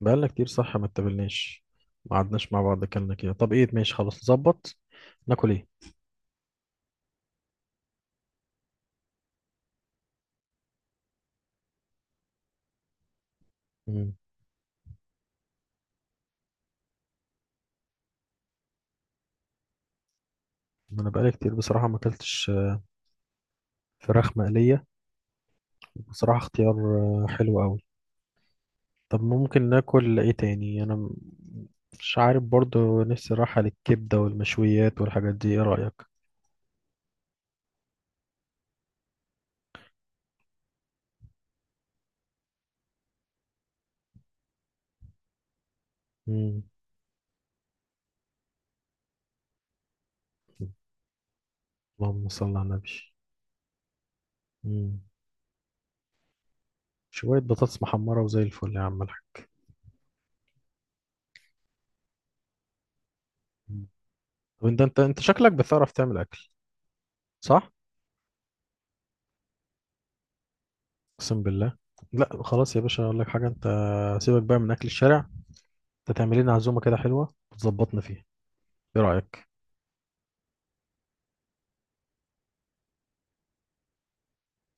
بقالنا كتير، صح؟ ما اتقابلناش، ما قعدناش مع بعض اكلنا كده. طب ايه، ماشي خلاص نظبط. ناكل ايه؟ مم. انا بقالي كتير بصراحة ما اكلتش فراخ مقلية. بصراحة اختيار حلو قوي. طب ممكن ناكل ايه تاني؟ انا مش عارف. برضو نفسي راحة للكبدة والمشويات والحاجات دي. ايه رأيك؟ مم. اللهم صل على النبي. مم. شوية بطاطس محمرة وزي الفل يا عم الحاج. مم. طب انت شكلك بتعرف تعمل اكل؟ صح. اقسم بالله. لا خلاص يا باشا، اقول لك حاجه انت. سيبك بقى من اكل الشارع. انت تعمل لنا عزومه كده حلوه وتظبطنا فيها. ايه رايك؟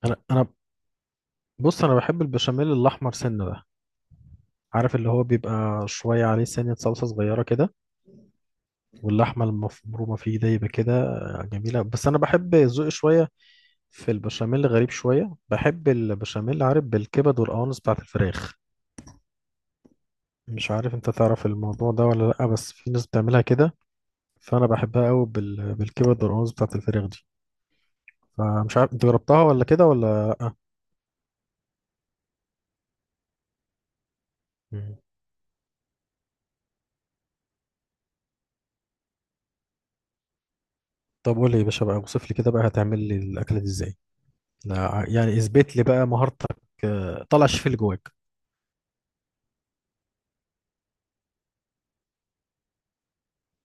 انا. بص، انا بحب البشاميل الاحمر سنه ده. عارف اللي هو بيبقى شويه عليه سنه صلصه صغيره كده. واللحمه المفرومه فيه ده يبقى كده جميله. بس انا بحب ذوقي شويه في البشاميل غريب شويه، بحب البشاميل عارف بالكبد والقوانص بتاعت الفراخ. مش عارف انت تعرف الموضوع ده ولا لا، بس في ناس بتعملها كده. فانا بحبها قوي بالكبد والقوانص بتاعت الفراخ دي. فمش عارف انت جربتها ولا كده ولا لأ؟ مم. طب قول لي يا باشا بقى، اوصف لي كده بقى هتعمل لي الاكله دي ازاي. لا، يعني اثبت لي بقى مهارتك. طلع الشيف اللي جواك.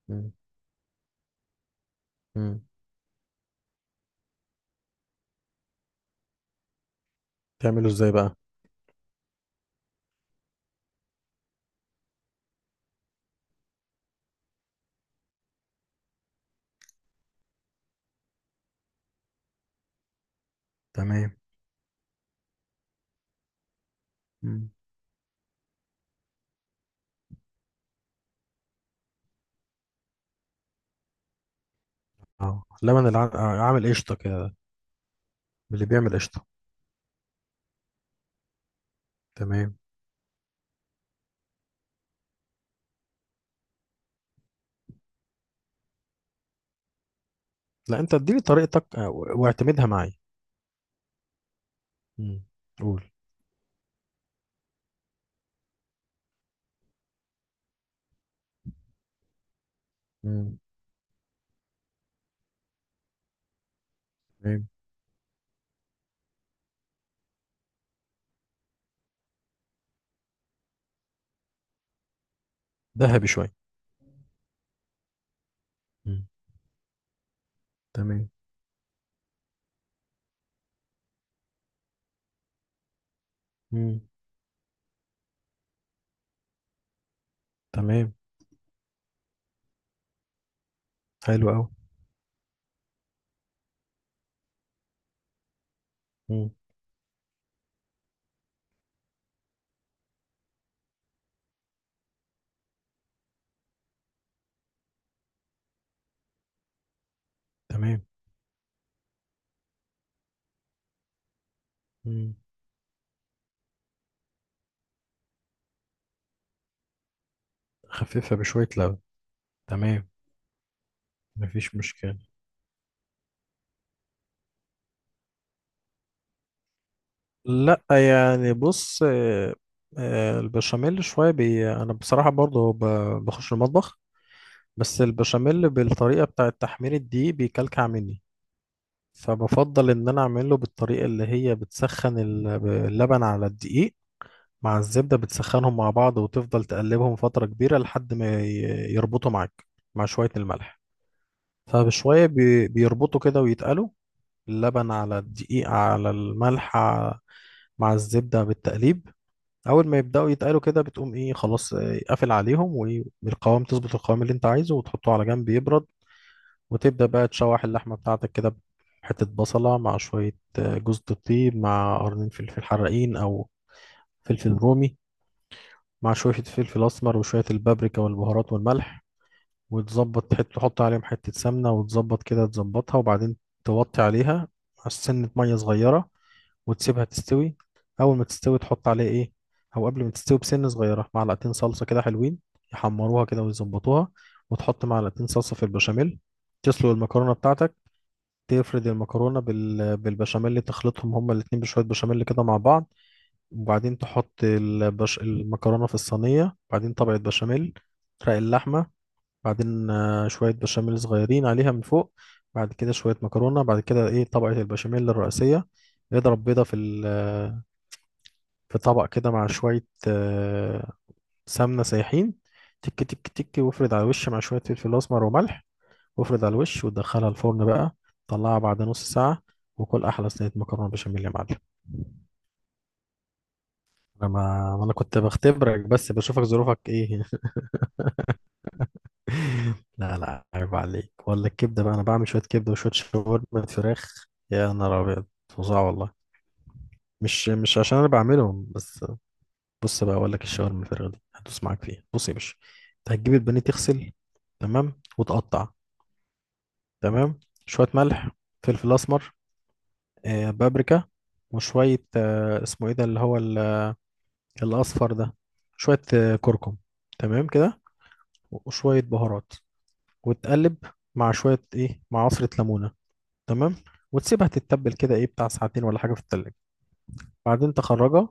مم. مم. تعمله ازاي بقى؟ تمام. مم. اه لبن الع... آه، عامل قشطه كده. اللي بيعمل قشطه. تمام. لا، انت اديني طريقتك واعتمدها معايا. مم. قول. مم. تمام. ذهبي شويه. مم. تمام. مم. تمام. حلو قوي. تمام. مم. خففها بشويه لبن. تمام. مفيش مشكلة. لا يعني بص، البشاميل شوية أنا بصراحة برضو بخش المطبخ. بس البشاميل بالطريقة بتاعة تحمير الدقيق بيكلكع مني. فبفضل إن أنا أعمله بالطريقة اللي هي بتسخن اللبن على الدقيق مع الزبدة، بتسخنهم مع بعض وتفضل تقلبهم فترة كبيرة لحد ما يربطوا معاك مع شوية الملح. فبشوية بيربطوا كده ويتقلوا، اللبن على الدقيق على الملح مع الزبدة بالتقليب. اول ما يبداوا يتقالوا كده بتقوم ايه خلاص، قافل عليهم. والقوام تظبط القوام اللي انت عايزه وتحطه على جنب يبرد. وتبدا بقى تشوح اللحمه بتاعتك كده، بحته بصله مع شويه جوز الطيب مع قرنين فلفل حراقين او فلفل رومي، مع شويه فلفل اسمر وشويه البابريكا والبهارات والملح. وتظبط، تحط عليهم حته سمنه وتظبط كده تظبطها، وبعدين توطي عليها سنه ميه صغيره وتسيبها تستوي. اول ما تستوي تحط عليها ايه، او قبل ما تستوي بسنه صغيره معلقتين صلصه كده حلوين يحمروها كده ويظبطوها. وتحط معلقتين صلصه في البشاميل. تسلق المكرونه بتاعتك. تفرد المكرونه بالبشاميل، تخلطهم هما الاتنين بشويه بشاميل كده مع بعض. وبعدين تحط المكرونه في الصينيه، بعدين طبقه بشاميل، رق اللحمه، بعدين شويه بشاميل صغيرين عليها من فوق. بعد كده شويه مكرونه، بعد كده ايه، طبقه البشاميل الرئيسيه. اضرب بيضه في طبق كده مع شوية سمنة سايحين. تك تك تك، وافرد على الوش مع شوية فلفل أسمر وملح. وافرد على الوش وتدخلها الفرن بقى. طلعها بعد نص ساعة، وكل أحلى صينية مكرونة بشاميل يا معلم. أنا ما أنا كنت بختبرك بس بشوفك ظروفك إيه. لا، لا، عيب عليك. ولا الكبدة بقى، أنا بعمل شوية كبدة وشوية شاورما فراخ. يا نهار أبيض فظاع والله. مش عشان أنا بعملهم بس. بص بقى اقول لك، الشاور من الفراخ دي هتدوس معاك فيها. بص يا باشا، انت هتجيب البانيه، تغسل، تمام، وتقطع. تمام. شويه ملح، فلفل اسمر، بابريكا، وشويه اسمه ايه ده اللي هو الاصفر ده، شويه كركم. تمام كده. وشويه بهارات، وتقلب مع شويه ايه، مع عصره ليمونه. تمام. وتسيبها تتبل كده، ايه، بتاع ساعتين ولا حاجه في التلاجة. بعدين تخرجها،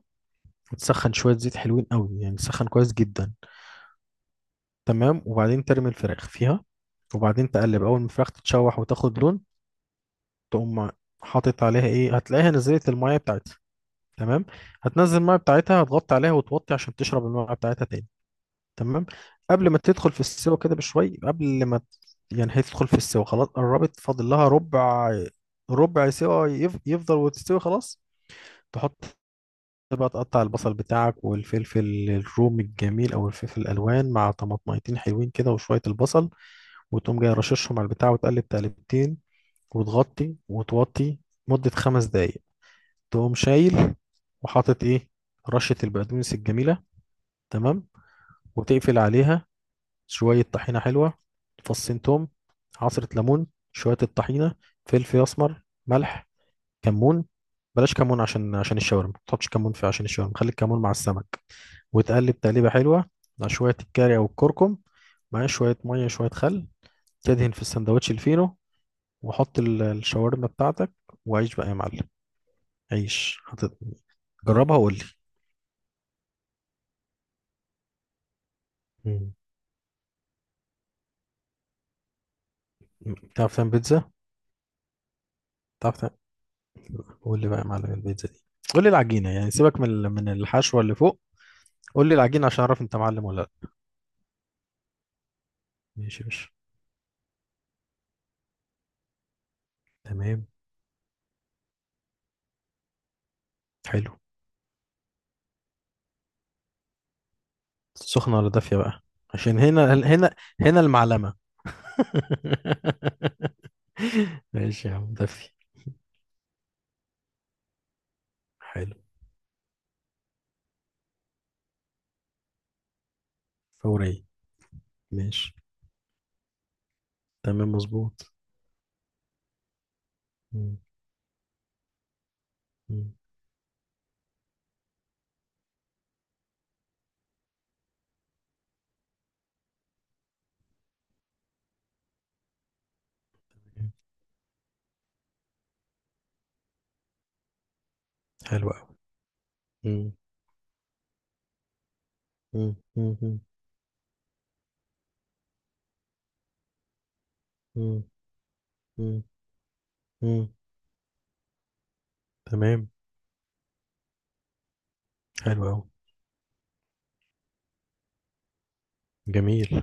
وتسخن شويه زيت حلوين قوي، يعني تسخن كويس جدا. تمام. وبعدين ترمي الفراخ فيها، وبعدين تقلب. اول ما الفراخ تتشوح وتاخد لون، تقوم حاطط عليها ايه، هتلاقيها نزلت الميه بتاعتها. تمام، هتنزل الميه بتاعتها، هتغطي عليها وتوطي عشان تشرب الميه بتاعتها تاني. تمام. قبل ما تدخل في السوا كده بشوي، قبل ما يعني هي تدخل في السوا خلاص، قربت، فاضل لها ربع. ربع سوا يفضل وتستوي خلاص. تحط بقى، تقطع البصل بتاعك والفلفل الرومي الجميل او الفلفل الالوان، مع طماطميتين حلوين كده وشويه البصل. وتقوم جاي رششهم على البتاع، وتقلب تقلبتين، وتغطي وتوطي مدة 5 دقايق. تقوم شايل، وحاطط ايه، رشة البقدونس الجميلة. تمام. وتقفل عليها. شوية طحينة حلوة، فصين توم، عصرة ليمون، شوية الطحينة، فلفل أسمر، ملح، كمون. بلاش كمون، عشان الشاورما ما تحطش كمون في، عشان الشاورما خلي الكمون مع السمك. وتقلب تقليبة حلوة مع شوية الكاري أو الكركم، مع شوية مية شوية خل. تدهن في السندوتش الفينو، وحط الشاورما بتاعتك، وعيش بقى يا معلم. عيش جربها وقول لي. مم. بتعرف تعمل بيتزا؟ بتعرف تعمل؟ قول لي بقى يا معلم البيتزا دي. قول لي العجينه، يعني سيبك من الحشوه اللي فوق. قول لي العجينه عشان اعرف انت معلم ولا لا. ماشي يا باشا. تمام. حلو. سخنه ولا دافيه بقى؟ عشان هنا، هنا، هنا المعلمه. ماشي يا عم، دافي. حلو. فورية. ماشي. تمام مظبوط. مم. مم. حلو قوي. مم. مم. مم. تمام. حلو أوي. جميل.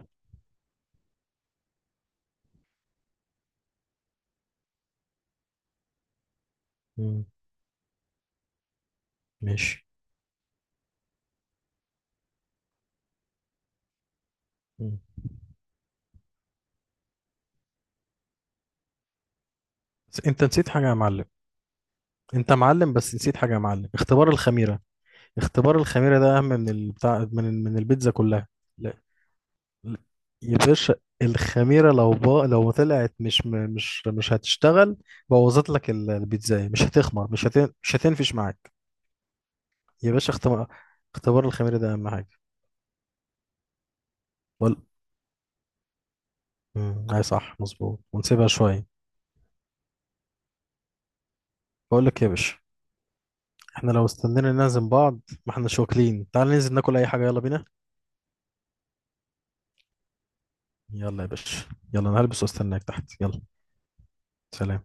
مم. ماشي. مم. بس انت نسيت حاجة يا معلم. انت معلم بس نسيت حاجة يا معلم، اختبار الخميرة. اختبار الخميرة ده اهم من البتاع، من البيتزا كلها. لا. لا. يا باشا، الخميرة لو طلعت مش م- مش مش هتشتغل. بوظت لك البيتزا، مش هتخمر، مش هتنفش معاك. يا باشا، اختبار، اختبار الخميرة ده اهم حاجة. ولا. اي صح مظبوط، ونسيبها شوية. بقول لك يا باشا، احنا لو استنينا نعزم بعض، ما احنا مش واكلين، تعال ننزل ناكل اي حاجة يلا بينا. يلا يا باشا. يلا انا هلبس واستناك تحت، يلا. سلام.